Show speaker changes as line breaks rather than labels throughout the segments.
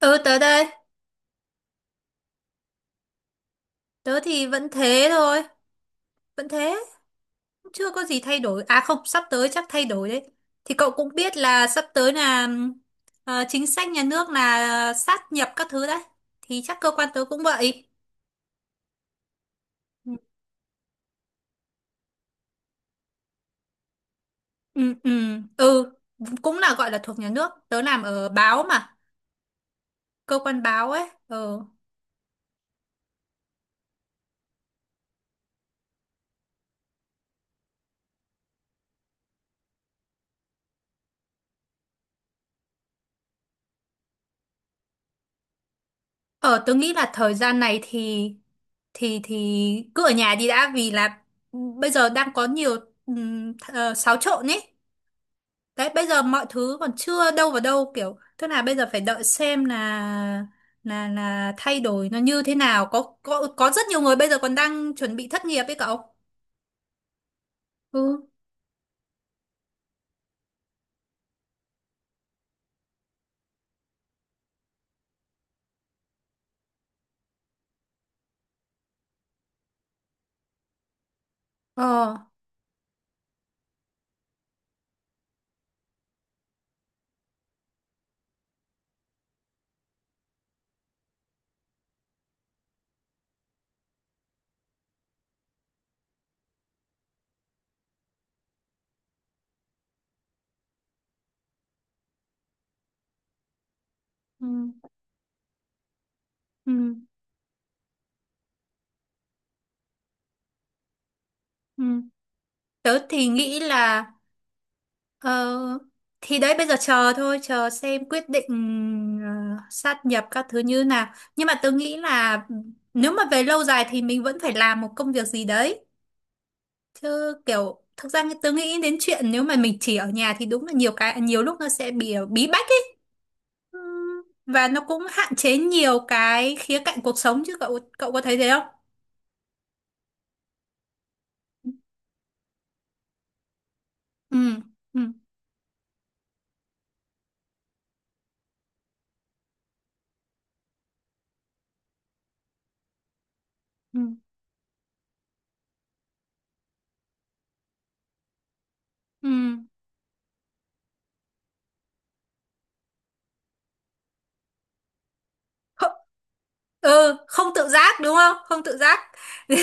Ừ tới đây, tớ thì vẫn thế thôi, vẫn thế, chưa có gì thay đổi. À không, sắp tới chắc thay đổi đấy. Thì cậu cũng biết là sắp tới là chính sách nhà nước là sát nhập các thứ đấy. Thì chắc cơ quan tớ cũng vậy. Ừ, ừ, ừ, ừ, cũng là gọi là thuộc nhà nước. Tớ làm ở báo mà, cơ quan báo ấy. Ừ. Ờ, tớ nghĩ là thời gian này thì thì cứ ở nhà đi đã, vì là bây giờ đang có nhiều um, xáo trộn ấy. Đấy, bây giờ mọi thứ còn chưa đâu vào đâu, kiểu tức là bây giờ phải đợi xem là thay đổi nó như thế nào, có rất nhiều người bây giờ còn đang chuẩn bị thất nghiệp ấy cậu. Ừ. Ờ. Ừ. Ừ. Ừ. Tớ thì nghĩ là ờ, thì đấy bây giờ chờ thôi, chờ xem quyết định sát nhập các thứ như nào, nhưng mà tớ nghĩ là nếu mà về lâu dài thì mình vẫn phải làm một công việc gì đấy. Chứ kiểu thực ra tớ nghĩ đến chuyện nếu mà mình chỉ ở nhà thì đúng là nhiều cái, nhiều lúc nó sẽ bị bí bách ấy. Ừ. Và nó cũng hạn chế nhiều cái khía cạnh cuộc sống chứ, cậu cậu có thấy thế không? Ừ. Ừ. Ừ. Ừ. Không, không tự giác đúng không? Không tự giác.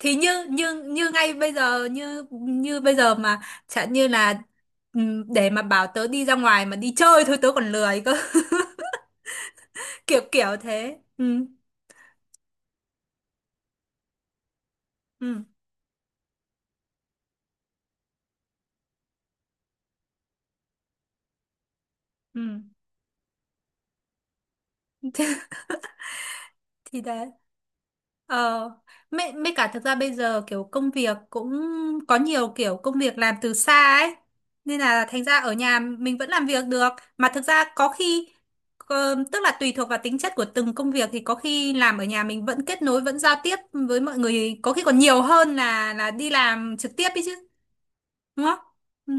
Thì như như như ngay bây giờ, như như bây giờ mà chẳng như là ừ, để mà bảo tớ đi ra ngoài mà đi chơi thôi tớ còn lười cơ. Kiểu kiểu thế. Ừ. Ừ. Ừ. Thì đấy. Ờ, mấy cả thực ra bây giờ kiểu công việc cũng có nhiều kiểu công việc làm từ xa ấy. Nên là thành ra ở nhà mình vẫn làm việc được. Mà thực ra có khi, tức là tùy thuộc vào tính chất của từng công việc thì có khi làm ở nhà mình vẫn kết nối, vẫn giao tiếp với mọi người. Có khi còn nhiều hơn là đi làm trực tiếp ấy chứ. Đúng không? Ừ.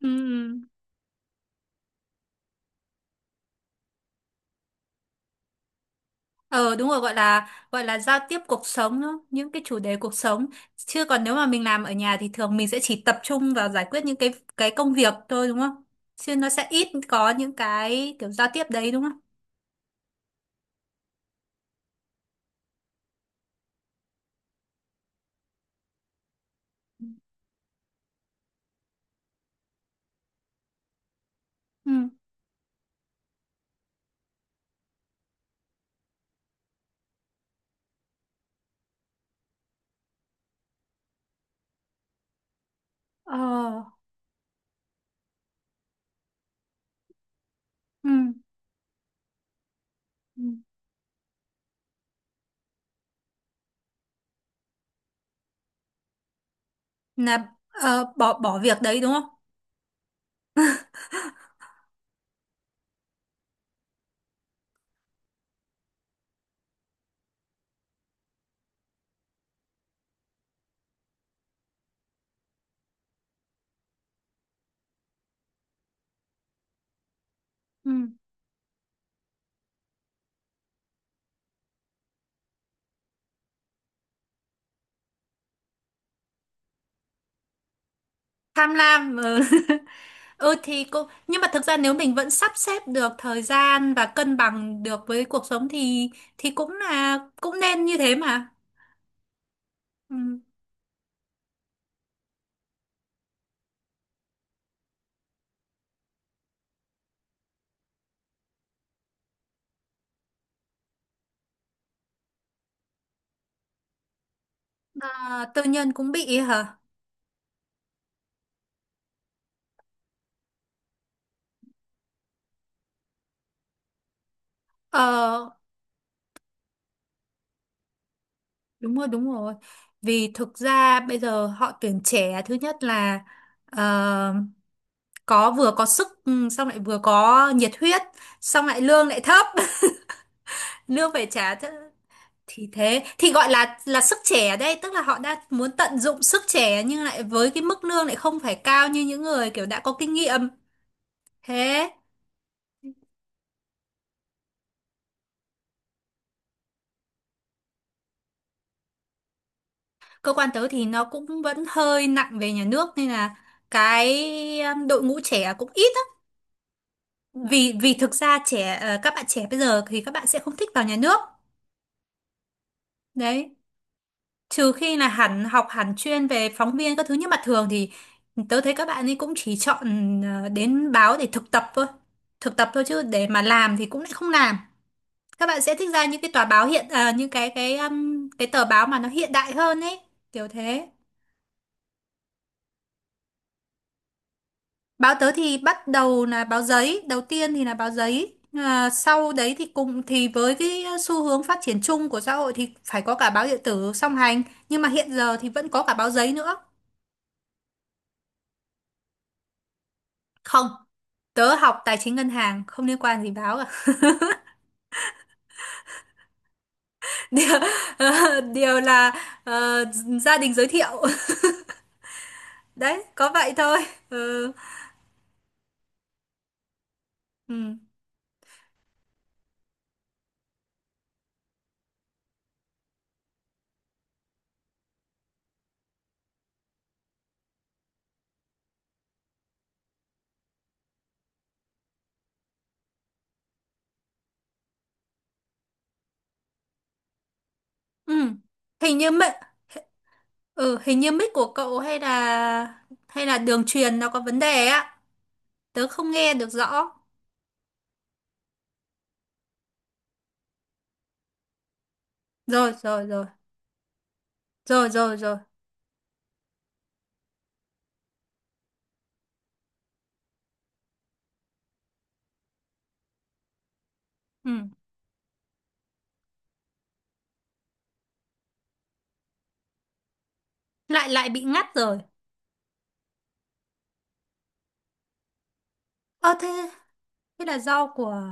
Ừ. Ừ. Ờ đúng rồi, gọi là giao tiếp cuộc sống đó, những cái chủ đề cuộc sống. Chứ còn nếu mà mình làm ở nhà thì thường mình sẽ chỉ tập trung vào giải quyết những cái công việc thôi đúng không? Chứ nó sẽ ít có những cái kiểu giao tiếp đấy đúng không? Ừ. Ờ. Ừ. Ừ. Là bỏ bỏ việc đấy đúng không? Ừ. Tham lam. Ừ. Ừ thì cũng, nhưng mà thực ra nếu mình vẫn sắp xếp được thời gian và cân bằng được với cuộc sống thì cũng là cũng nên như thế mà. Ừ. À, tư nhân cũng bị hả? Ờ, đúng rồi, đúng rồi. Vì thực ra bây giờ họ tuyển trẻ, thứ nhất là ờ, có, vừa có sức, xong lại vừa có nhiệt huyết, xong lại lương lại thấp, lương phải trả thì thế thì gọi là sức trẻ đây, tức là họ đã muốn tận dụng sức trẻ nhưng lại với cái mức lương lại không phải cao như những người kiểu đã có kinh nghiệm. Thế cơ quan tớ thì nó cũng vẫn hơi nặng về nhà nước, nên là cái đội ngũ trẻ cũng ít. Vì vì thực ra trẻ, các bạn trẻ bây giờ thì các bạn sẽ không thích vào nhà nước đấy, trừ khi là hẳn học, hẳn chuyên về phóng viên các thứ, nhưng mà thường thì tớ thấy các bạn ấy cũng chỉ chọn đến báo để thực tập thôi, thực tập thôi chứ để mà làm thì cũng lại không làm. Các bạn sẽ thích ra những cái tòa báo hiện những cái cái tờ báo mà nó hiện đại hơn ấy, kiểu thế. Báo tớ thì bắt đầu là báo giấy, đầu tiên thì là báo giấy. À, sau đấy thì cùng thì với cái xu hướng phát triển chung của xã hội thì phải có cả báo điện tử song hành, nhưng mà hiện giờ thì vẫn có cả báo giấy nữa. Không, tớ học tài chính ngân hàng, không liên quan gì báo cả. Điều, điều là ờ, gia đình giới thiệu. Đấy, có vậy thôi. Ừ. Ừ. Ừ. Hình như mic ừ, hình như mic của cậu hay là đường truyền nó có vấn đề á. Tớ không nghe được rõ. Rồi, rồi, rồi. Rồi, rồi, rồi. Ừ. lại lại bị ngắt rồi. Ờ thế thế là do của,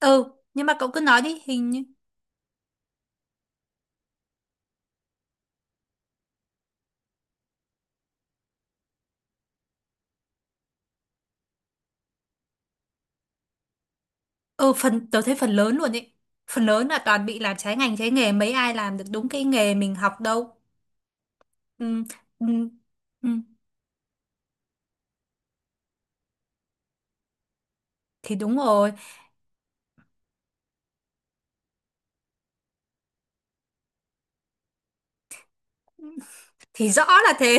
ừ nhưng mà cậu cứ nói đi, hình như. Ừ, phần tớ thấy phần lớn luôn ấy, phần lớn là toàn bị làm trái ngành trái nghề, mấy ai làm được đúng cái nghề mình học đâu. Ừ. Ừ. Ừ. Thì đúng rồi, thì rõ là thế.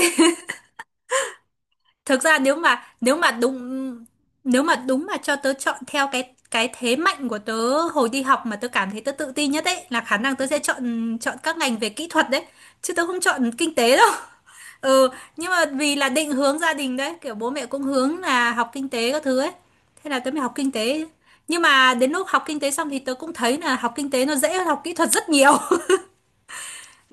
Thực ra nếu mà đúng mà cho tớ chọn theo cái thế mạnh của tớ hồi đi học mà tớ cảm thấy tớ tự tin nhất ấy, là khả năng tớ sẽ chọn chọn các ngành về kỹ thuật đấy, chứ tớ không chọn kinh tế đâu. Ừ, nhưng mà vì là định hướng gia đình đấy, kiểu bố mẹ cũng hướng là học kinh tế các thứ ấy, thế là tớ mới học kinh tế. Nhưng mà đến lúc học kinh tế xong thì tớ cũng thấy là học kinh tế nó dễ hơn học kỹ thuật rất nhiều,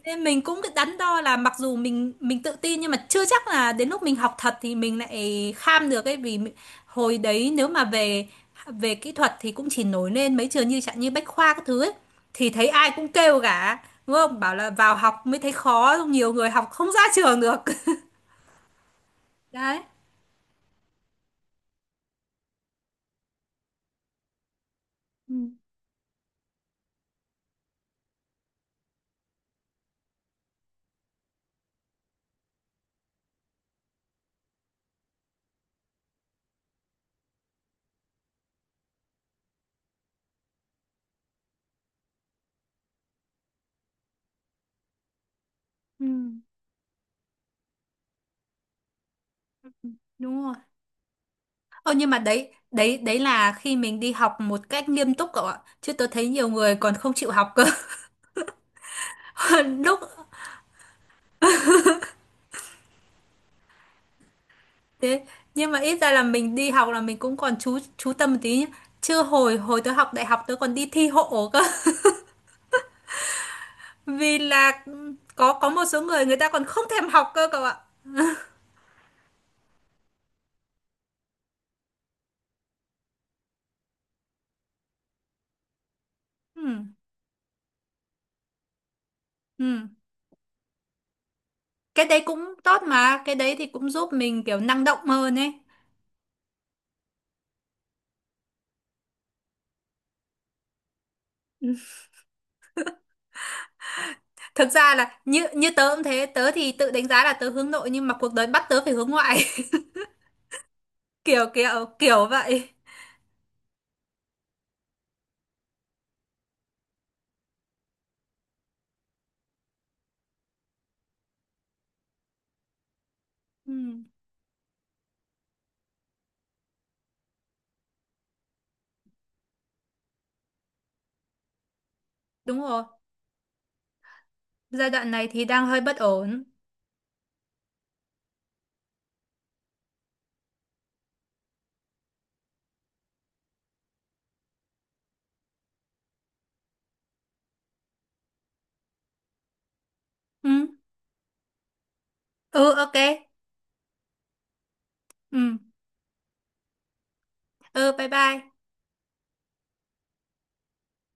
nên mình cũng cái đắn đo là mặc dù mình tự tin nhưng mà chưa chắc là đến lúc mình học thật thì mình lại kham được ấy, hồi đấy nếu mà về về kỹ thuật thì cũng chỉ nổi lên mấy trường như chẳng như Bách Khoa các thứ ấy, thì thấy ai cũng kêu cả đúng không, bảo là vào học mới thấy khó, xong nhiều người học không ra trường được. Đấy. Ừ. Ừ. Ừ. Đúng rồi. Ờ nhưng mà đấy đấy đấy là khi mình đi học một cách nghiêm túc cậu ạ, chứ tôi thấy nhiều người còn không chịu học cơ. lúc Thế, nhưng mà ít ra là mình đi học là mình cũng còn chú tâm một tí nhá. Chưa hồi hồi tớ học đại học tớ còn đi thi hộ cơ. Vì là có một số người người ta còn không thèm học cơ cậu ạ. Ừ. Ừ. Cái đấy cũng tốt mà, cái đấy thì cũng giúp mình kiểu năng động hơn ấy. Thực ra là như như tớ cũng thế, tớ thì tự đánh giá là tớ hướng nội nhưng mà cuộc đời bắt tớ phải hướng ngoại. Kiểu kiểu kiểu vậy. Ừ. Đúng rồi. Giai đoạn này thì đang hơi bất ổn. Ừ. Ừ, ok. Ừ. Ừ, bye bye.